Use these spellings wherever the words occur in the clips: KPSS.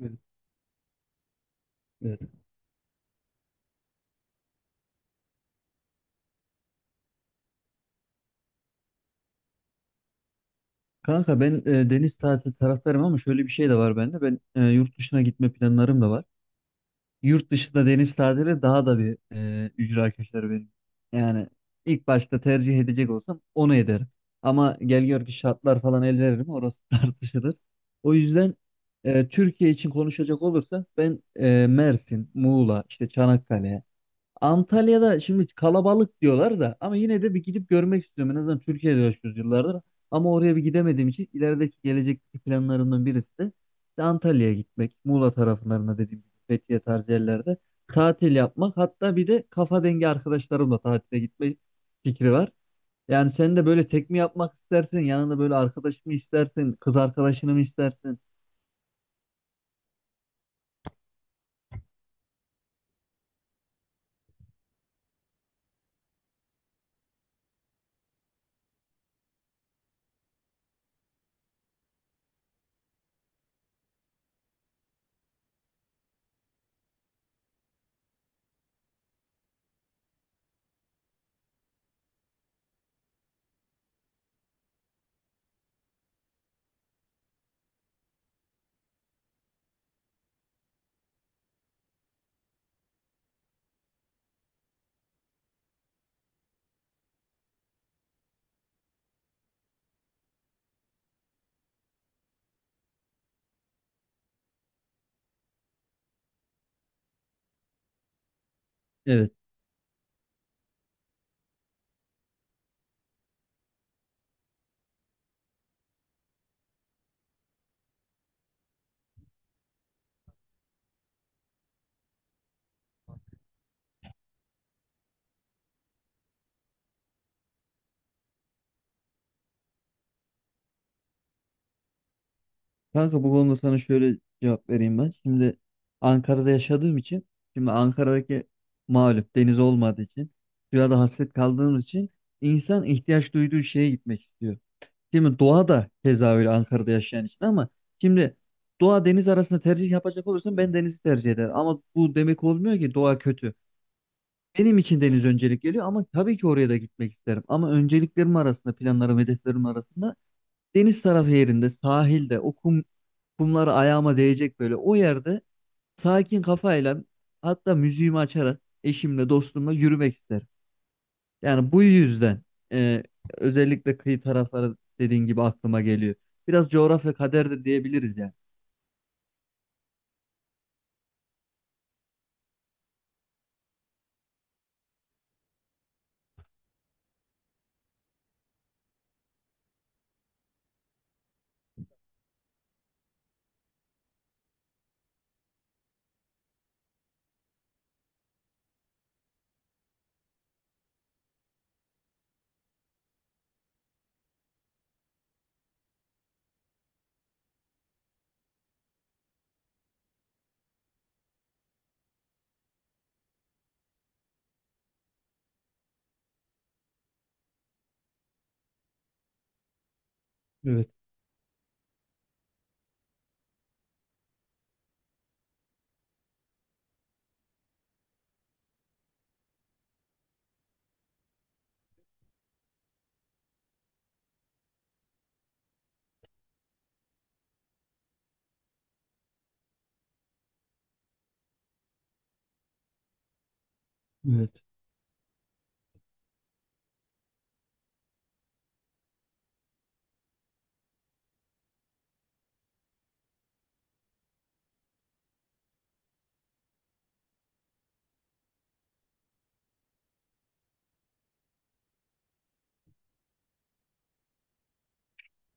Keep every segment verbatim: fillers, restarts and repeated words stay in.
Evet, evet. Kanka ben e, deniz tatili taraftarım ama şöyle bir şey de var bende. Ben e, yurt dışına gitme planlarım da var. Yurt dışında deniz tatili daha da bir e, ücra köşeleri benim. Yani ilk başta tercih edecek olsam onu ederim. Ama gel gör ki şartlar falan el veririm orası tartışılır. O yüzden e, Türkiye için konuşacak olursa ben e, Mersin, Muğla, işte Çanakkale, Antalya'da şimdi kalabalık diyorlar da ama yine de bir gidip görmek istiyorum. En azından Türkiye'de yaşıyoruz yıllardır. Ama oraya bir gidemediğim için ilerideki gelecekteki planlarımdan birisi de işte Antalya'ya gitmek. Muğla taraflarına dediğim gibi Fethiye tarzı yerlerde tatil yapmak. Hatta bir de kafa dengi arkadaşlarımla tatile gitme fikri var. Yani sen de böyle tek mi yapmak istersin? Yanında böyle arkadaş mı istersin? Kız arkadaşını mı istersin? Kanka bu konuda sana şöyle cevap vereyim ben. Şimdi Ankara'da yaşadığım için, şimdi Ankara'daki malum deniz olmadığı için, suya da hasret kaldığımız için insan ihtiyaç duyduğu şeye gitmek istiyor. Şimdi doğa da keza öyle Ankara'da yaşayan için ama şimdi doğa deniz arasında tercih yapacak olursan ben denizi tercih ederim. Ama bu demek olmuyor ki doğa kötü. Benim için deniz öncelik geliyor ama tabii ki oraya da gitmek isterim. Ama önceliklerim arasında, planlarım, hedeflerim arasında deniz tarafı yerinde, sahilde, o kum, kumlar ayağıma değecek böyle. O yerde sakin kafayla hatta müziğimi açarak eşimle dostumla yürümek isterim. Yani bu yüzden e, özellikle kıyı tarafları dediğin gibi aklıma geliyor. Biraz coğrafya kader de diyebiliriz yani. Evet, evet.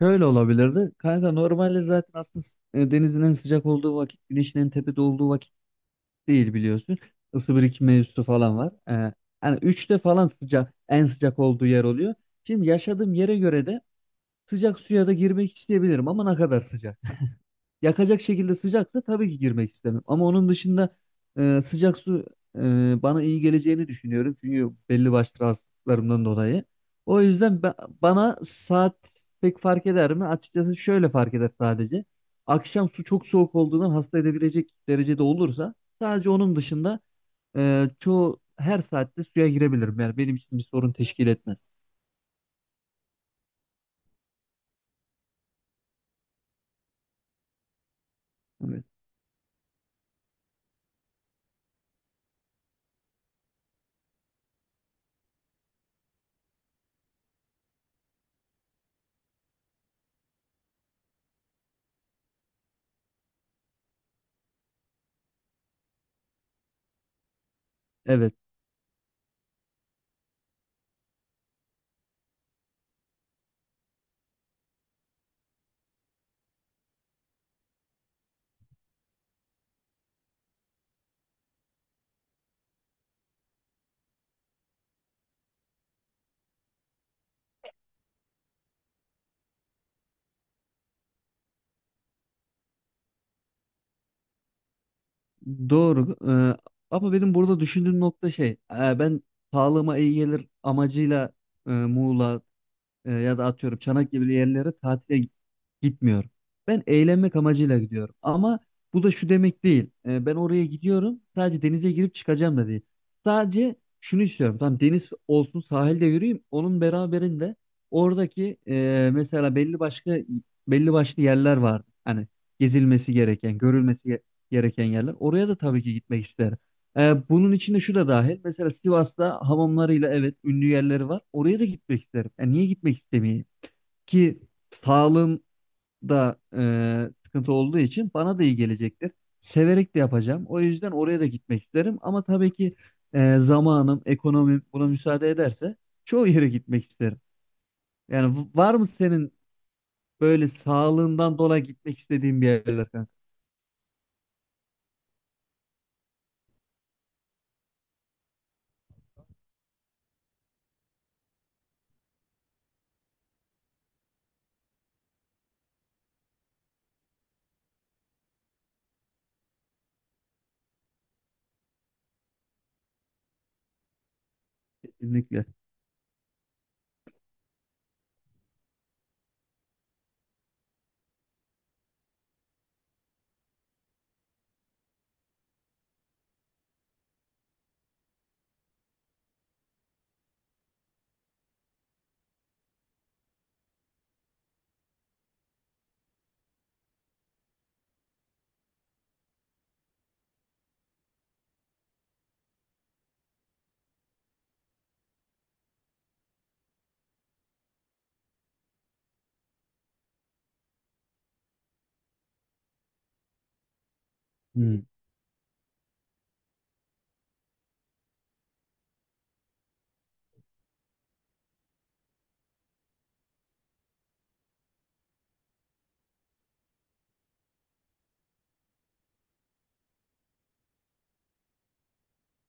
Şöyle olabilirdi. Kanka normalde zaten aslında e, denizin en sıcak olduğu vakit, güneşin en tepede olduğu vakit değil biliyorsun. Isı birikimi mevzusu falan var. E, yani üçte falan sıcak, en sıcak olduğu yer oluyor. Şimdi yaşadığım yere göre de sıcak suya da girmek isteyebilirim ama ne kadar sıcak. Yakacak şekilde sıcaksa tabii ki girmek istemem. Ama onun dışında e, sıcak su e, bana iyi geleceğini düşünüyorum. Çünkü belli başlı rahatsızlıklarımdan dolayı. O yüzden ba- bana saat pek fark eder mi? Açıkçası şöyle fark eder sadece. Akşam su çok soğuk olduğundan hasta edebilecek derecede olursa sadece onun dışında, e, çoğu her saatte suya girebilirim. Yani benim için bir sorun teşkil etmez. Evet. Evet, doğru. Ee, Ama benim burada düşündüğüm nokta şey, e, ben sağlığıma iyi gelir amacıyla e, Muğla, e, ya da atıyorum Çanak gibi yerlere tatile gitmiyorum. Ben eğlenmek amacıyla gidiyorum. Ama bu da şu demek değil. E, ben oraya gidiyorum sadece denize girip çıkacağım da değil. Sadece şunu istiyorum. Tamam deniz olsun sahilde yürüyeyim. Onun beraberinde oradaki e, mesela belli başka belli başlı yerler var. Hani gezilmesi gereken, görülmesi ge- gereken yerler. Oraya da tabii ki gitmek isterim. Ee, bunun içinde şu da dahil. Mesela Sivas'ta hamamlarıyla evet ünlü yerleri var. Oraya da gitmek isterim. Yani niye gitmek istemeyeyim? Ki sağlığım da e, sıkıntı olduğu için bana da iyi gelecektir. Severek de yapacağım. O yüzden oraya da gitmek isterim. Ama tabii ki e, zamanım, ekonomim buna müsaade ederse çoğu yere gitmek isterim. Yani v- var mı senin böyle sağlığından dolayı gitmek istediğin bir yerler kanka? Kesinlikle.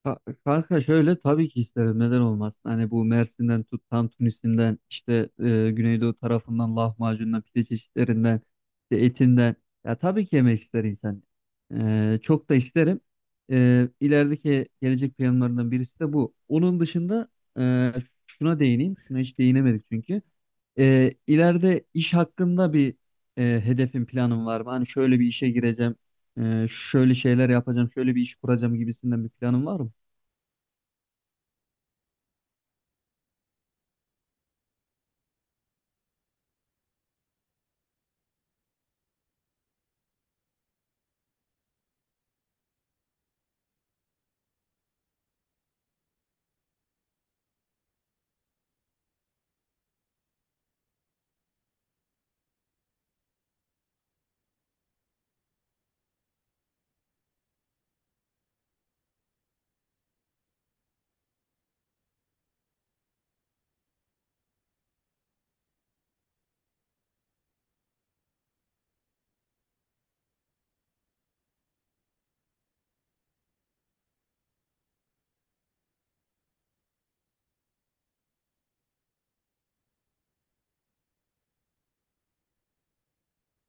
Ka- Kanka şöyle tabii ki isterim neden olmasın hani bu Mersin'den tut tantunisinden işte e, Güneydoğu tarafından lahmacundan pide çeşitlerinden işte etinden, ya tabii ki yemek ister insan. E, çok da isterim, e, ilerideki gelecek planlarından birisi de bu. Onun dışında, e, şuna değineyim, şuna hiç değinemedik çünkü e, ileride iş hakkında bir e, hedefim planım var mı, hani şöyle bir işe gireceğim, e, şöyle şeyler yapacağım, şöyle bir iş kuracağım gibisinden bir planım var mı?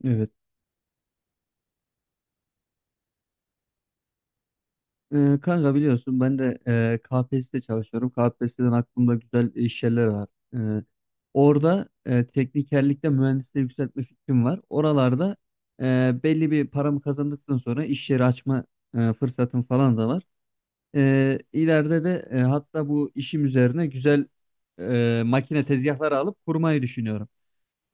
Evet. Ee, kanka biliyorsun ben de e, K P S S'de çalışıyorum. K P S S'den aklımda güzel iş yerleri var. Ee, Orada e, teknikerlikte mühendisliği yükseltme fikrim var. Oralarda e, belli bir paramı kazandıktan sonra iş yeri açma e, fırsatım falan da var. Ee, ileride de, e, hatta bu işim üzerine güzel e, makine tezgahları alıp kurmayı düşünüyorum.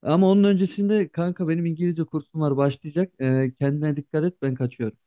Ama onun öncesinde kanka benim İngilizce kursum var başlayacak. Ee, kendine dikkat et ben kaçıyorum.